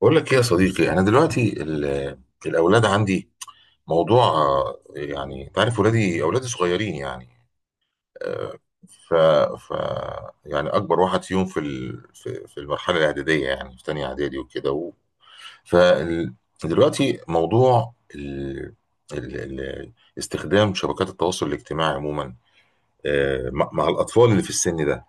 بقول لك ايه يا صديقي، انا دلوقتي الاولاد عندي موضوع. يعني انت عارف ولادي اولادي صغيرين يعني. آه، ف ف يعني اكبر واحد فيهم في المرحله الاعداديه، يعني في تانية اعدادي وكده. ف ال- دلوقتي موضوع ال... ال... استخدام شبكات التواصل الاجتماعي عموما، مع الاطفال اللي في السن ده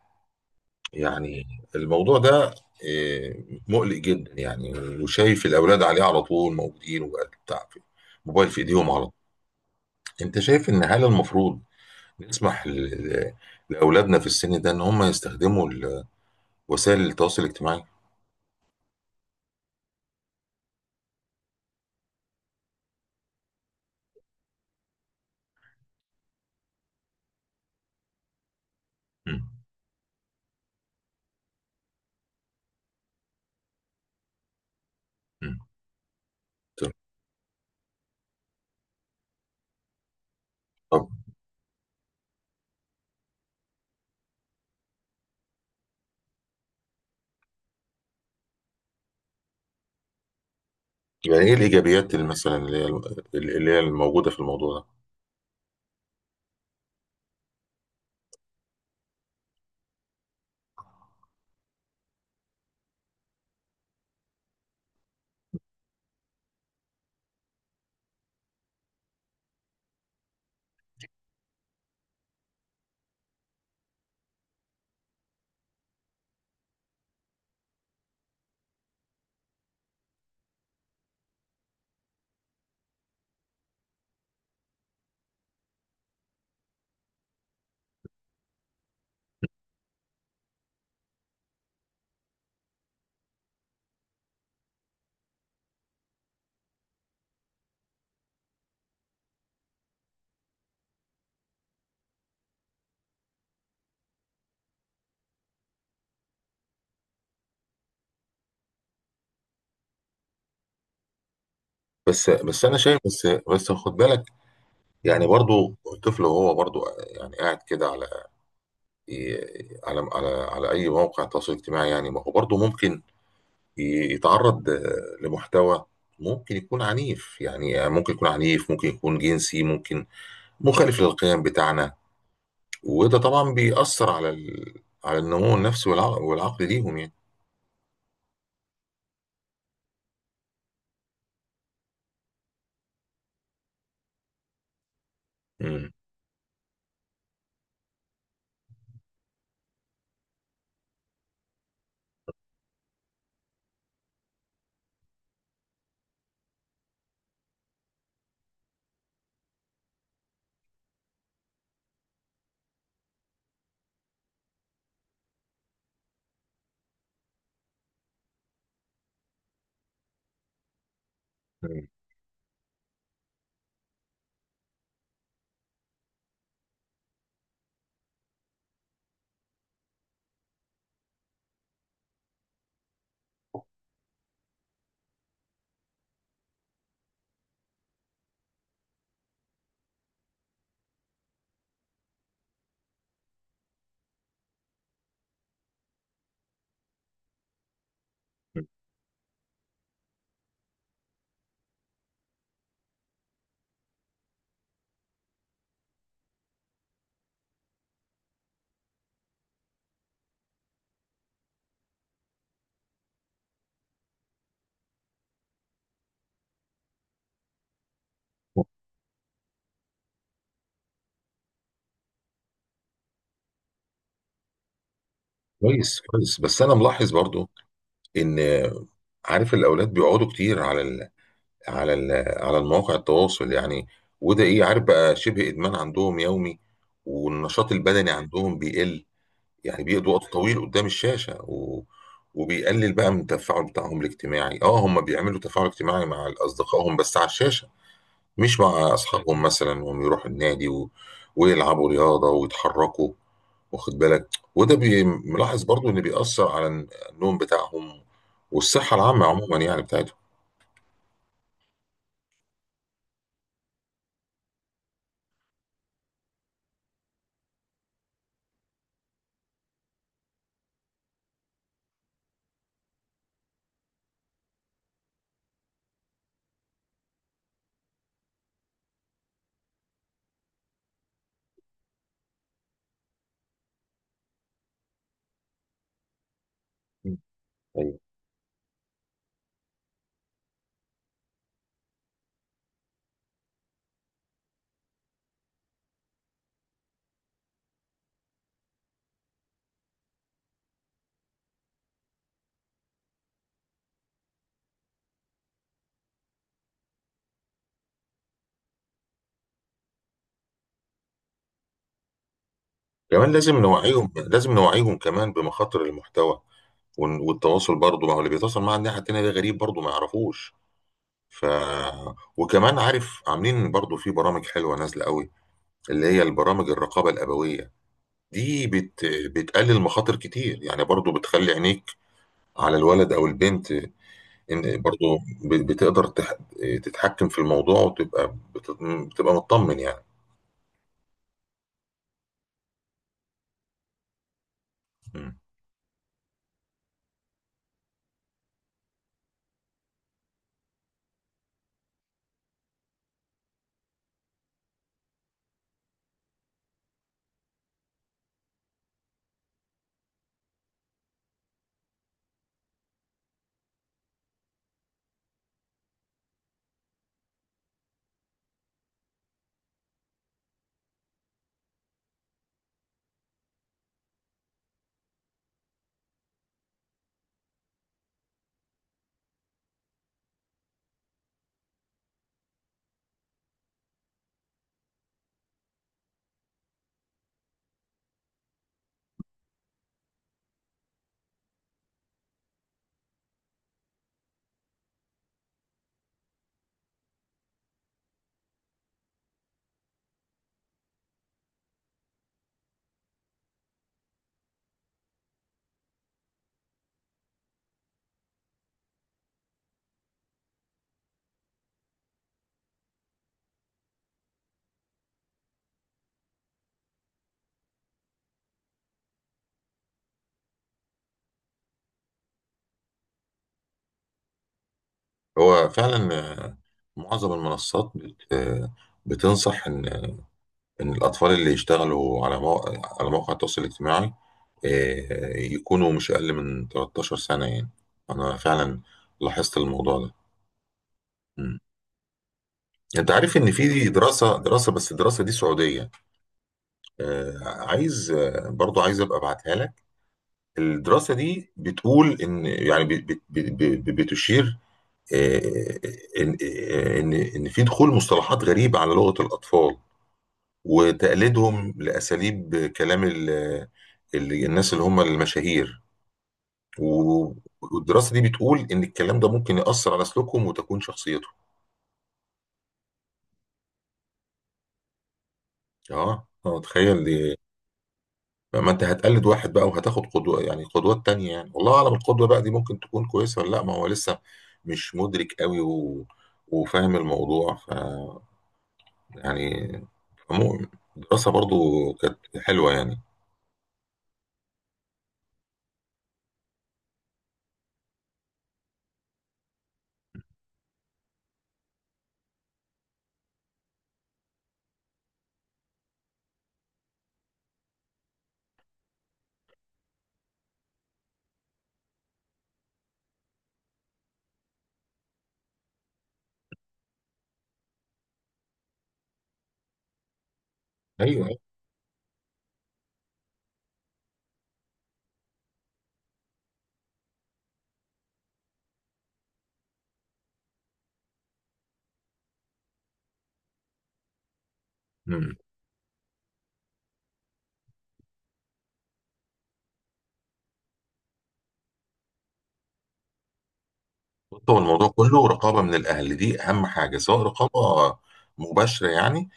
يعني. الموضوع ده مقلق جدا يعني، وشايف الاولاد عليه على طول موجودين وبتاع، في موبايل في ايديهم على طول. انت شايف ان هل المفروض نسمح ل- لاولادنا في السن ده ان هم يستخدموا وسائل التواصل الاجتماعي؟ مم. مم. طب طب، يعني ايه الايجابيات اللي مثلا اللي هي الموجوده في الموضوع ده؟ بس بس انا شايف بس بس خد بالك، يعني برضو الطفل وهو برضو يعني قاعد كده على ي- على على على اي موقع تواصل اجتماعي، يعني ما هو برضه ممكن يتعرض لمحتوى ممكن يكون عنيف، يعني ممكن يكون عنيف، ممكن يكون جنسي، ممكن مخالف للقيم بتاعنا. وده طبعا بيأثر على النمو النفسي والعقل ليهم يعني. مم. مم. كويس كويس، بس انا ملاحظ برضو ان عارف الاولاد بيقعدوا كتير على المواقع التواصل يعني. وده ايه، عارف بقى، شبه ادمان عندهم يومي، والنشاط البدني عندهم بيقل، يعني بيقضوا وقت طويل قدام الشاشة، وبيقلل بقى من التفاعل بتاعهم الاجتماعي، اه هم بيعملوا تفاعل اجتماعي مع اصدقائهم بس على الشاشة، مش مع اصحابهم مثلا، وهم يروحوا النادي ويلعبوا رياضة ويتحركوا، واخد بالك. وده ملاحظ برضو ان بيأثر على النوم بتاعهم والصحة العامة عموما يعني، بتاعتهم. كمان لازم نوعيهم كمان بمخاطر المحتوى والتواصل برضه، ما هو اللي بيتواصل مع الناحية التانية ده غريب برضه ما يعرفوش. ف وكمان عارف، عاملين برضه في برامج حلوة نازلة قوي اللي هي البرامج الرقابة الأبوية، دي بتقلل مخاطر كتير يعني، برضه بتخلي عينيك على الولد أو البنت، إن برضه ب... بتقدر تح... تتحكم في الموضوع، بتبقى مطمن يعني. م. هو فعلا، معظم المنصات بتنصح ان ان الاطفال اللي يشتغلوا على مواقع على مواقع التواصل الاجتماعي، يكونوا مش اقل من 13 سنة يعني. انا فعلا لاحظت الموضوع ده. مم. انت عارف ان في دراسة دراسة، بس الدراسة دي سعودية، عايز برضو عايز ابقى ابعتها لك. الدراسة دي بتقول ان يعني بتشير، آه، ان ان ان في دخول مصطلحات غريبه على لغه الاطفال، وتقليدهم لاساليب كلام ال الناس اللي هم المشاهير و- والدراسه دي بتقول ان الكلام ده ممكن ياثر على سلوكهم وتكوين شخصيتهم. اه اه، تخيل دي. ما انت هتقلد واحد بقى وهتاخد قدوه، يعني قدوات تانية، يعني والله اعلم القدوه بقى دي ممكن تكون كويسه ولا لا، ما هو لسه مش مدرك قوي وفاهم الموضوع. يعني فمو- الدراسه برضو كانت حلوه يعني. ايوه. امم. هو الموضوع كله رقابه من الاهل، دي اهم حاجه، سواء رقابه مباشره يعني،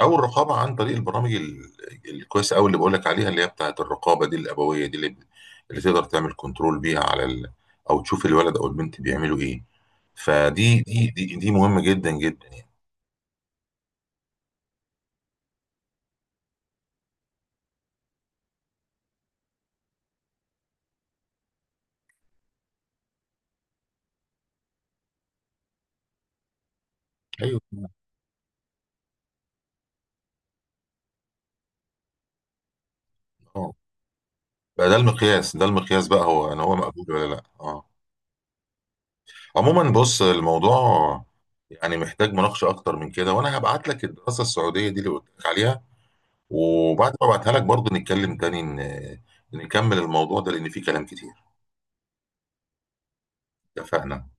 او الرقابه عن طريق الكويسه قوي اللي بقول لك عليها، اللي هي بتاعه الرقابه دي الابويه دي اللي تقدر تعمل كنترول بيها او تشوف الولد او البنت بيعملوا ايه. فدي دي دي, دي مهمه جدا جدا يعني. ايوه اه، بقى ده المقياس، ده المقياس بقى هو ان هو مقبول ولا لا، اه. عموما بص، الموضوع يعني محتاج مناقشه اكتر من كده، وانا هبعت لك الدراسه السعوديه دي اللي قلت لك عليها، وبعد ما ابعتها لك برضه نتكلم تاني، نكمل الموضوع ده لان فيه كلام كتير. اتفقنا.